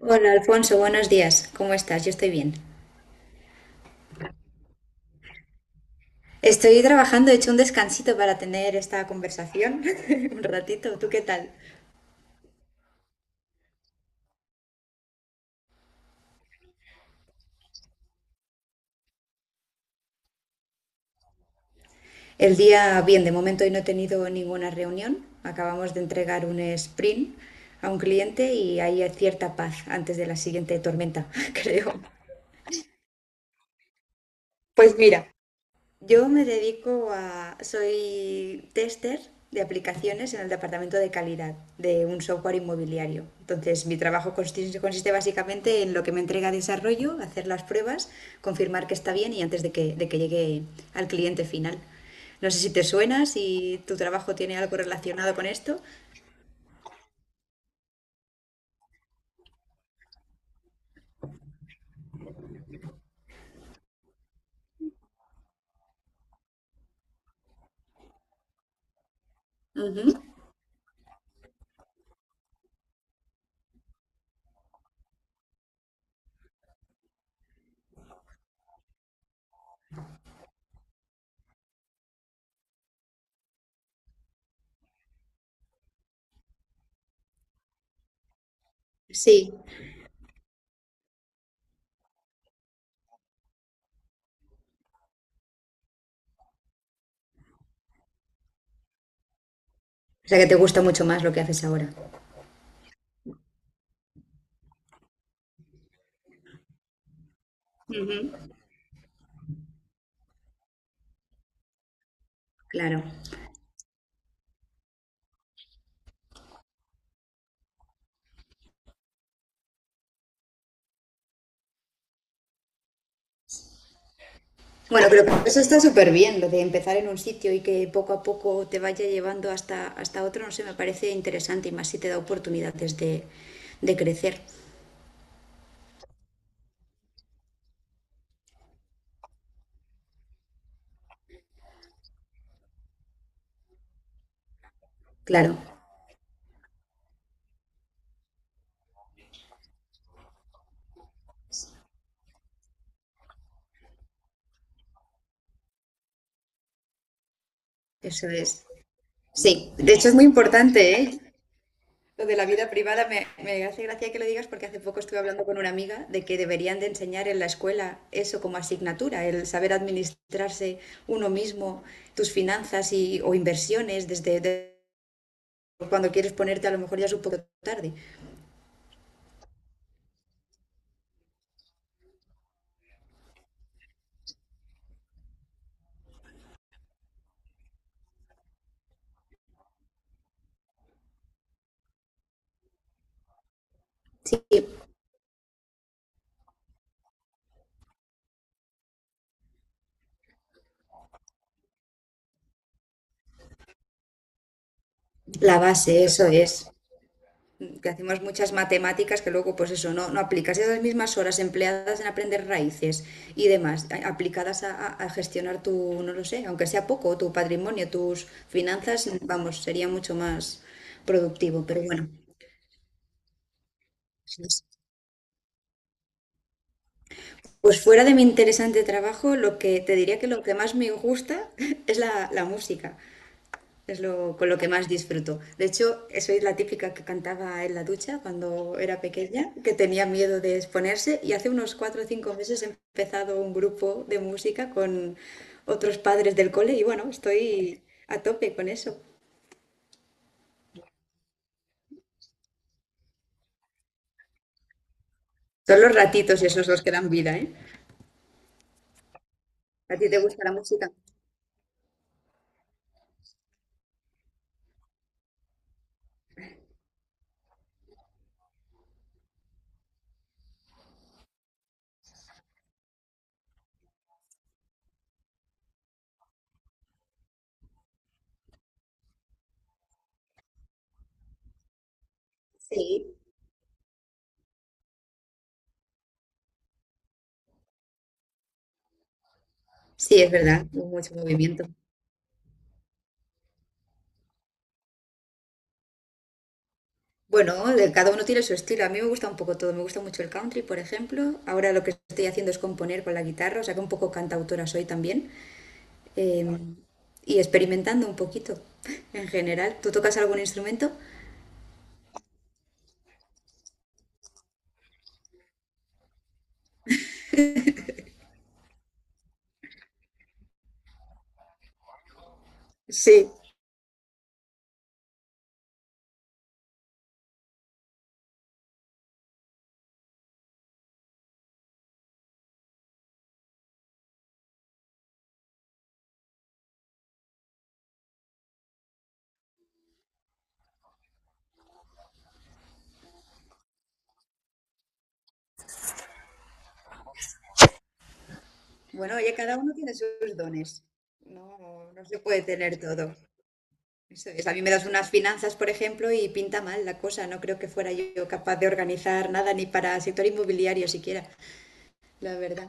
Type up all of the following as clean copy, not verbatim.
Hola Alfonso, buenos días. ¿Cómo estás? Yo estoy bien. Estoy trabajando, he hecho un descansito para tener esta conversación. Un ratito, ¿tú qué tal? El día, bien, de momento hoy no he tenido ninguna reunión. Acabamos de entregar un sprint a un cliente y hay cierta paz antes de la siguiente tormenta, creo. Pues mira, yo me dedico a, soy tester de aplicaciones en el departamento de calidad de un software inmobiliario. Entonces, mi trabajo consiste básicamente en lo que me entrega desarrollo, hacer las pruebas, confirmar que está bien y antes de que llegue al cliente final. No sé si te suena, si tu trabajo tiene algo relacionado con esto. Ujú. Sí. O sea que te gusta mucho más lo que haces ahora. Claro. Bueno, pero eso está súper bien, lo de empezar en un sitio y que poco a poco te vaya llevando hasta otro, no sé, me parece interesante y más si te da oportunidades de crecer. Claro, eso es. Sí, de hecho es muy importante, ¿eh? Lo de la vida privada me hace gracia que lo digas porque hace poco estuve hablando con una amiga de que deberían de enseñar en la escuela eso como asignatura, el saber administrarse uno mismo, tus finanzas y, o inversiones cuando quieres ponerte a lo mejor ya es un poco tarde. Sí. La base, eso es. Que hacemos muchas matemáticas que luego, pues eso, no, no aplicas esas mismas horas empleadas en aprender raíces y demás, aplicadas a, a gestionar tu, no lo sé, aunque sea poco, tu patrimonio, tus finanzas, vamos, sería mucho más productivo. Pero bueno, eso es. Pues fuera de mi interesante trabajo, lo que te diría que lo que más me gusta es la música. Es lo, con lo que más disfruto. De hecho, soy la típica que cantaba en la ducha cuando era pequeña, que tenía miedo de exponerse y hace unos cuatro o cinco meses he empezado un grupo de música con otros padres del cole y bueno, estoy a tope con eso. Son los ratitos esos los que dan vida, ¿eh? ¿A ti te gusta la música? Sí, sí, es verdad, mucho movimiento. Bueno, cada uno tiene su estilo. A mí me gusta un poco todo. Me gusta mucho el country, por ejemplo. Ahora lo que estoy haciendo es componer con la guitarra, o sea que un poco cantautora soy también. em, y experimentando un poquito en general. ¿Tú tocas algún instrumento? Sí. Bueno, oye, cada uno tiene sus dones. No, no se puede tener todo. Eso es. A mí me das unas finanzas, por ejemplo, y pinta mal la cosa. No creo que fuera yo capaz de organizar nada ni para sector inmobiliario siquiera, la verdad.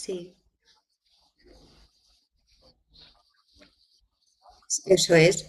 Sí, eso es.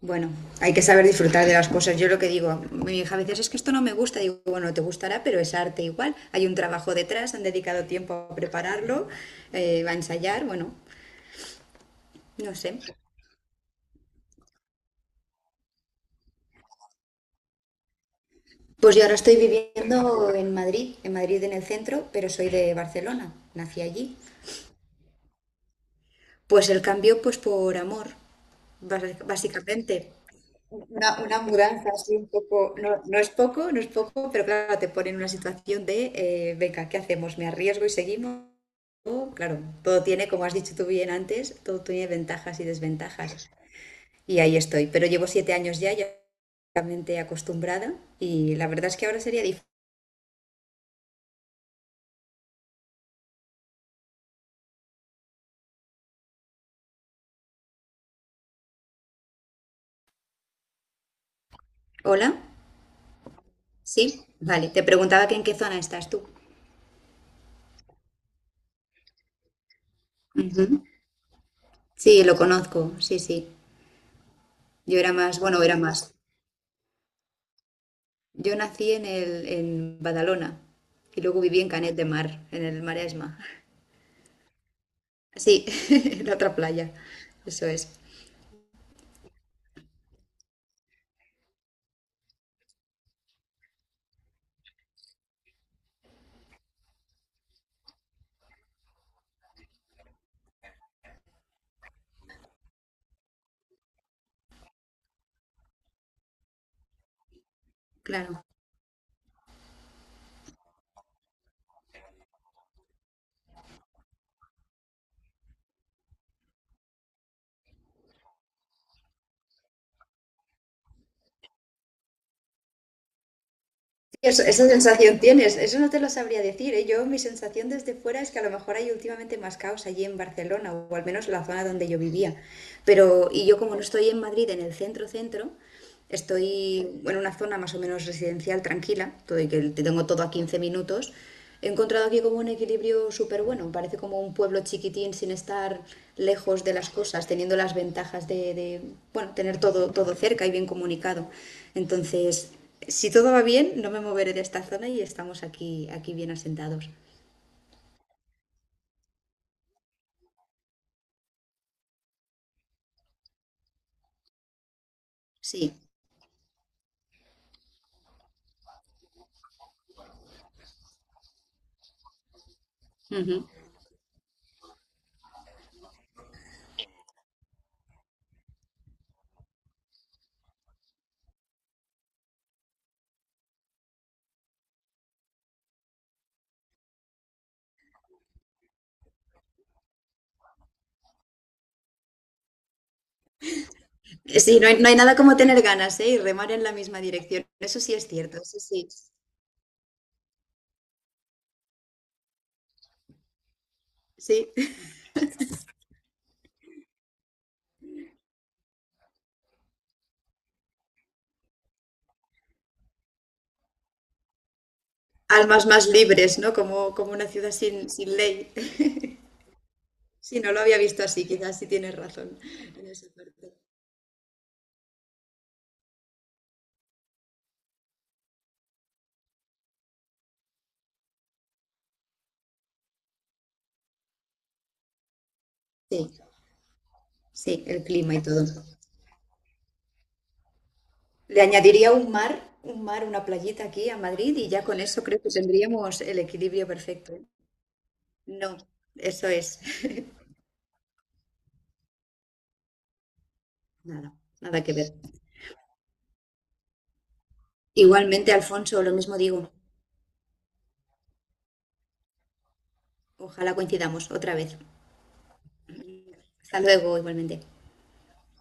Bueno, hay que saber disfrutar de las cosas. Yo lo que digo, mi hija a veces es que esto no me gusta. Digo, bueno, te gustará, pero es arte igual. Hay un trabajo detrás, han dedicado tiempo a prepararlo, a ensayar, bueno, no sé. Pues yo ahora estoy viviendo en Madrid, en Madrid en el centro, pero soy de Barcelona, nací allí. Pues el cambio, pues por amor, básicamente. Una mudanza así un poco, no, no es poco, no es poco, pero claro, te pone en una situación de, venga, ¿qué hacemos? ¿Me arriesgo y seguimos? O, claro, todo tiene, como has dicho tú bien antes, todo tiene ventajas y desventajas. Y ahí estoy, pero llevo 7 años ya, ya realmente acostumbrada y la verdad es que ahora sería difícil. Hola, sí, vale, te preguntaba que en qué zona estás tú. Ujú. Sí, lo conozco, sí, sí. Yo era más, bueno, era más. Yo nací en el, en Badalona y luego viví en Canet de Mar, en el Maresma. Sí, en la otra playa. Eso es. Claro. Sí, eso- esa sensación tienes. Eso no te lo sabría decir, ¿eh? Yo, mi sensación desde fuera es que a lo mejor hay últimamente más caos allí en Barcelona, o al menos la zona donde yo vivía. Pero, y yo como no estoy en Madrid, en el centro centro, estoy en una zona más o menos residencial tranquila, todo, y que te tengo todo a 15 minutos. He encontrado aquí como un equilibrio súper bueno. Parece como un pueblo chiquitín sin estar lejos de las cosas, teniendo las ventajas de, bueno, tener todo, todo cerca y bien comunicado. Entonces, si todo va bien, no me moveré de esta zona y estamos aquí, aquí bien asentados. Sí. Ujú. Sí, no hay nada como tener ganas, ¿eh? Y remar en la misma dirección. Eso sí es cierto, sí sí. Sí. Almas más libres, ¿no? Como, como una ciudad sin ley. Sí, no lo había visto así, quizás sí tienes razón en esa parte. Sí, sí, el clima y todo. Le añadiría un mar, una playita aquí a Madrid y ya con eso creo que tendríamos el equilibrio perfecto. ¿Eh? No, eso es. Nada, nada que ver. Igualmente, Alfonso, lo mismo digo. Ojalá coincidamos otra vez. Hasta luego, igualmente.